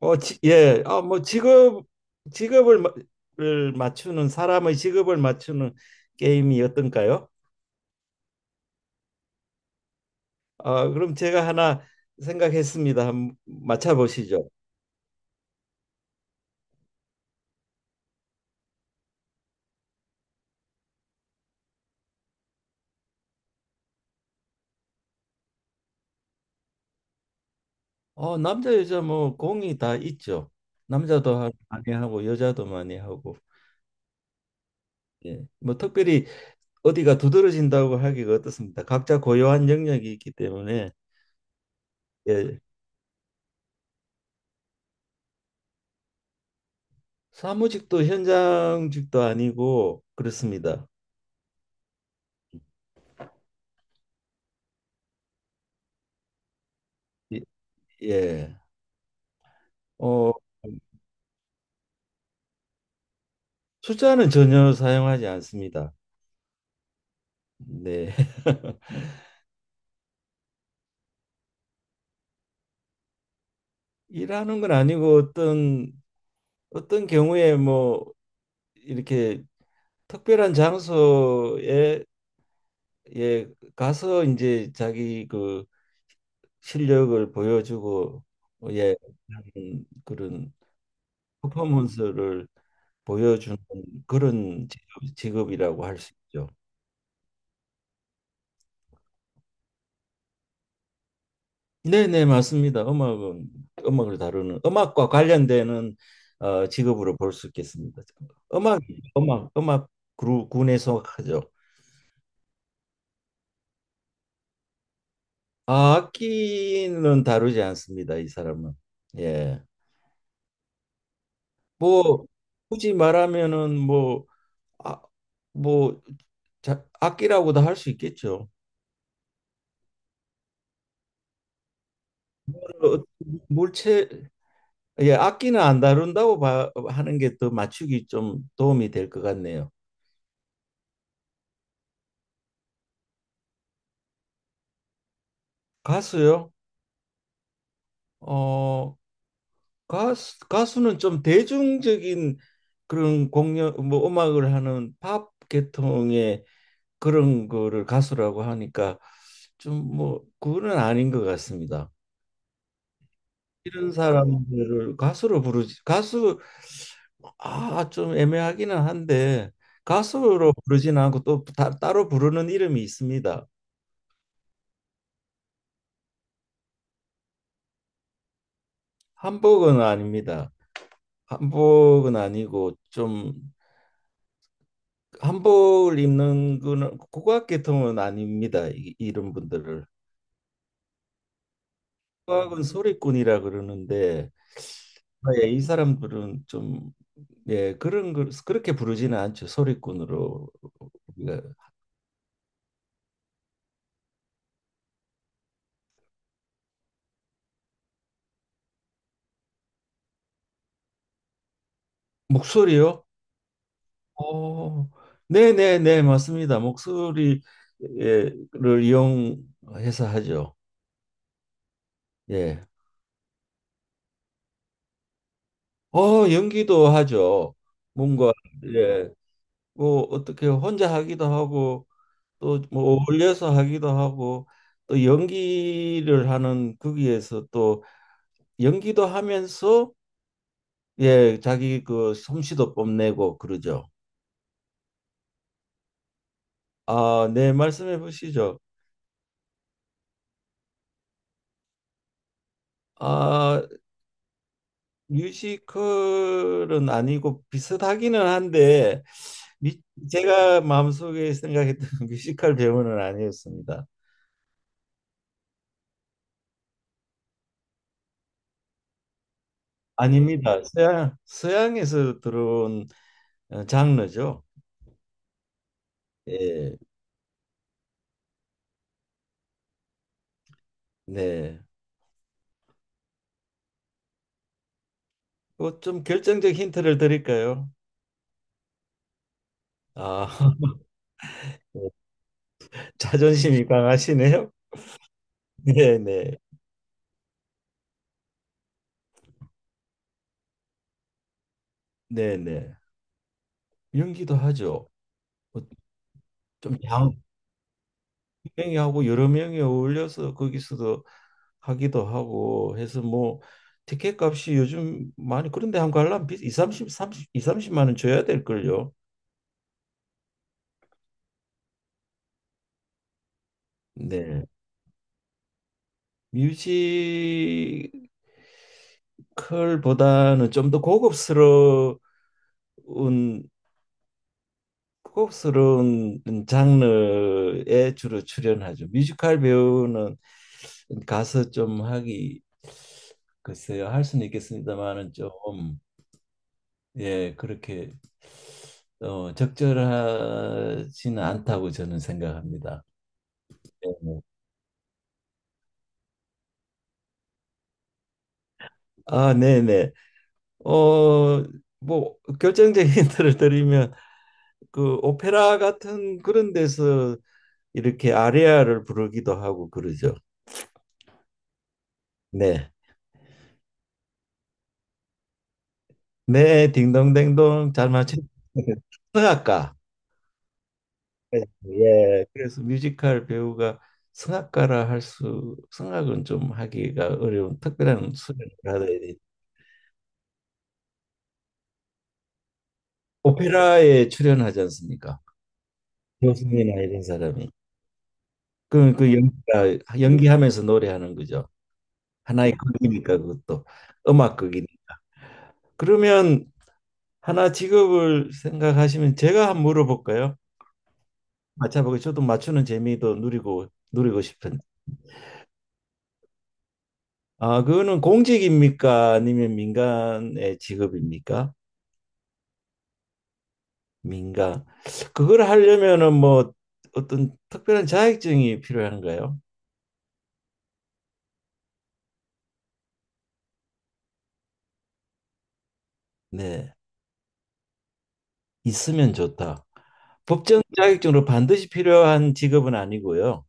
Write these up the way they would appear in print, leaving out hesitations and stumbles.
어, 지, 예. 아, 뭐 직업을 마- 을 맞추는 사람의 직업을 맞추는 게임이 어떤가요? 아, 그럼 제가 하나 생각했습니다. 한번 맞춰 보시죠. 어, 남자 여자 뭐 공이 다 있죠. 남자도 하- 많이 하고 여자도 많이 하고. 예. 뭐 특별히 어디가 두드러진다고 하기가 어떻습니다. 각자 고유한 영역이 있기 때문에. 예. 사무직도 현장직도 아니고 그렇습니다. 예. 예. 어 숫자는 전혀 사용하지 않습니다. 네. 일하는 건 아니고 어떤 어떤 경우에 뭐 이렇게 특별한 장소에 예 가서 이제 자기 그 실력을 보여주고, 예, 하는 그런 퍼포먼스를 보여주는 그런 직업이라고 할 수 있죠. 네네, 맞습니다. 음악은 음악을 다루는, 음악과 관련되는 직업으로 볼 수 있겠습니다. 음악, 음악, 그루, 군에 속하죠. 아, 악기는 다루지 않습니다, 이 사람은. 예. 뭐 굳이 말하면은 뭐, 아, 뭐 자, 악기라고도 할 수 있겠죠. 어, 물체, 예, 악기는 안 다룬다고 봐, 하는 게 더 맞추기 좀 도움이 될 것 같네요. 가수요? 어 가수, 가수는 좀 대중적인 그런 공연, 뭐 음악을 하는 팝 계통의 그런 거를 가수라고 하니까 좀 뭐 그거는 아닌 것 같습니다. 이런 그, 사람들을 가수로 부르지, 가수, 아, 좀 애매하기는 한데 가수로 부르진 않고 또 다, 따로 부르는 이름이 있습니다. 한복은 아닙니다. 한복은 아니고 좀, 한복을 입는 거는, 국악 계통은 아닙니다. 이, 이런 분들을, 국악은 소리꾼이라 그러는데, 아, 예, 이 사람들은 좀, 예, 그런 걸 그렇게 부르지는 않죠, 소리꾼으로 우리가. 목소리요? 어, 네, 네, 네, 맞습니다. 목소리를 이용해서 하죠. 예. 어, 연기도 하죠. 뭔가, 예, 뭐 어떻게 혼자 하기도 하고 또 뭐 어울려서 하기도 하고, 또 연기를 하는 거기에서 또 연기도 하면서, 예 자기 그 솜씨도 뽐내고 그러죠. 아, 네, 말씀해 보시죠. 아, 뮤지컬은 아니고 비슷하기는 한데, 미, 제가 마음속에 생각했던 뮤지컬 배우는 아니었습니다. 아닙니다. 서양에서 들어온 장르죠. 예, 네. 뭐좀 결정적 힌트를 드릴까요? 아, 자존심이 강하시네요. 네네. 네네. 연기도 하죠. 뭐좀 양, 명이 하고 여러 명이 어울려서 거기서도 하기도 하고 해서 뭐, 티켓 값이 요즘 많이 그런데 한 관람 비 이 삼십 삼십 2, 30만 원 줘야 될걸요. 네. 뮤지컬보다는 좀 더 고급스러운, 고급스러운 장르에 주로 출연하죠. 뮤지컬 배우는 가서 좀 하기 글쎄요 할 수는 있겠습니다만은 좀, 예 그렇게 적절하지는 않다고 저는 생각합니다. 네. 네. 아 네네, 어뭐 결정적인 힌트를 드리면 그 오페라 같은 그런 데서 이렇게 아리아를 부르기도 하고 그러죠. 네. 네, 딩동댕동 잘 맞춰. 성악가. 예, 예. 그래서 뮤지컬 배우가 성악가라 할 수, 성악은 좀 하기가 어려운 특별한 수련을 받아야 돼. 오페라에 출연하지 않습니까? 교수님이나 이런 사람이. 그럼 그 연기가, 연기하면서 노래하는 거죠. 하나의 극이니까 그것도 음악극이니. 그러면 하나 직업을 생각하시면 제가 한번 물어볼까요? 맞춰보고 저도 맞추는 재미도 누리고 싶은데. 아, 그거는 공직입니까? 아니면 민간의 직업입니까? 민간. 그걸 하려면은 뭐, 어떤 특별한 자격증이 필요한가요? 네. 있으면 좋다. 법정 자격증으로 반드시 필요한 직업은 아니고요.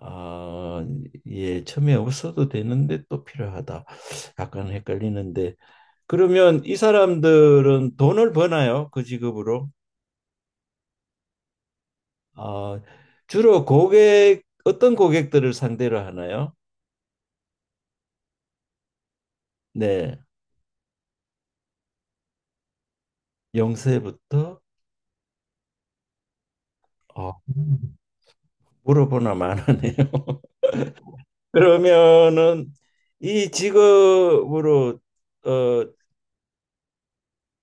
아, 예, 처음에 없어도 되는데 또 필요하다. 약간 헷갈리는데. 그러면 이 사람들은 돈을 버나요? 그 직업으로? 아, 주로 고객, 어떤 고객들을 상대로 하나요? 네, 영세부터. 어, 물어보나 마나네요. 그러면은 이 직업으로 어,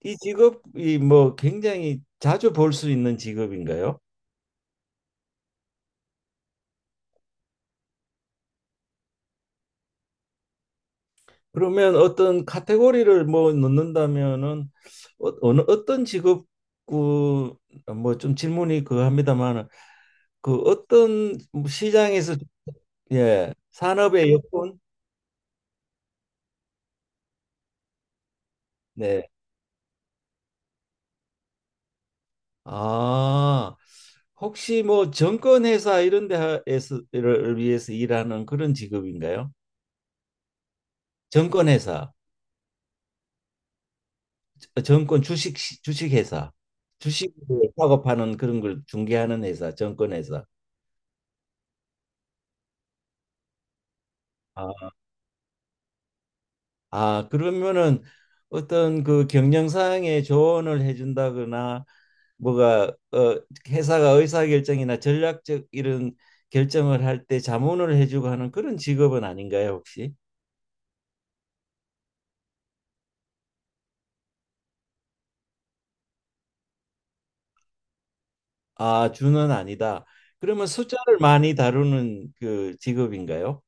이 직업이 뭐 굉장히 자주 볼 수 있는 직업인가요? 그러면 어떤 카테고리를 뭐 넣는다면은, 어, 어느 어떤 직업 그뭐좀 질문이 그합니다마는그 어떤 시장에서, 예 산업의 여건. 아, 혹시 뭐 정권회사 이런 데를 위해서 일하는 그런 직업인가요? 정권회사, 정권 주식 주식회사, 주식 작업하는 그런 걸 중개하는 회사, 정권회사. 아, 아, 그러면은 어떤 그 경영상에 조언을 해준다거나 뭐가, 어, 회사가 의사결정이나 전략적 이런 결정을 할 때 자문을 해주고 하는 그런 직업은 아닌가요, 혹시? 아, 주는 아니다. 그러면 숫자를 많이 다루는 그 직업인가요?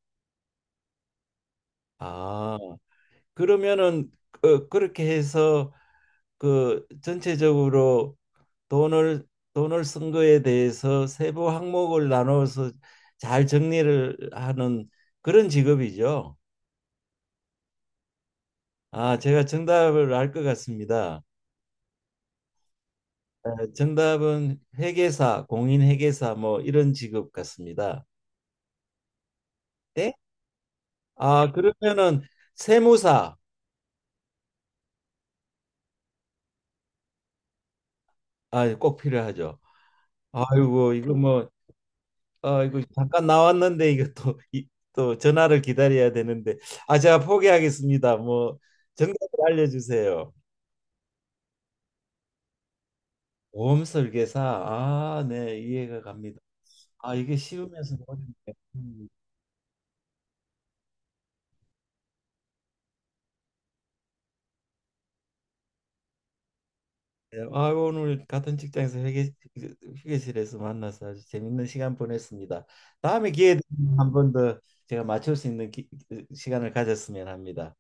아, 그러면은 그, 그렇게 해서 그 전체적으로 돈을 돈을 쓴 거에 대해서 세부 항목을 나눠서 잘 정리를 하는 그런 직업이죠. 아, 제가 정답을 알 것 같습니다. 어, 정답은 회계사, 공인 회계사 뭐 이런 직업 같습니다. 네? 아, 그러면은 세무사. 아, 꼭 필요하죠. 아이고, 이거 뭐, 아, 이거 잠깐 나왔는데 이거 또, 이, 또 전화를 기다려야 되는데, 아, 제가 포기하겠습니다. 뭐 정답을 알려주세요. 보험 설계사, 아, 네, 이해가 갑니다. 아, 이게 쉬우면서 어렵네. 음. 네, 아, 오늘 같은 직장에서 회계, 회계실에서 만나서 아주 재밌는 시간 보냈습니다. 다음에 기회 되면 한 번 더 제가 맞출 수 있는 기- 시간을 가졌으면 합니다.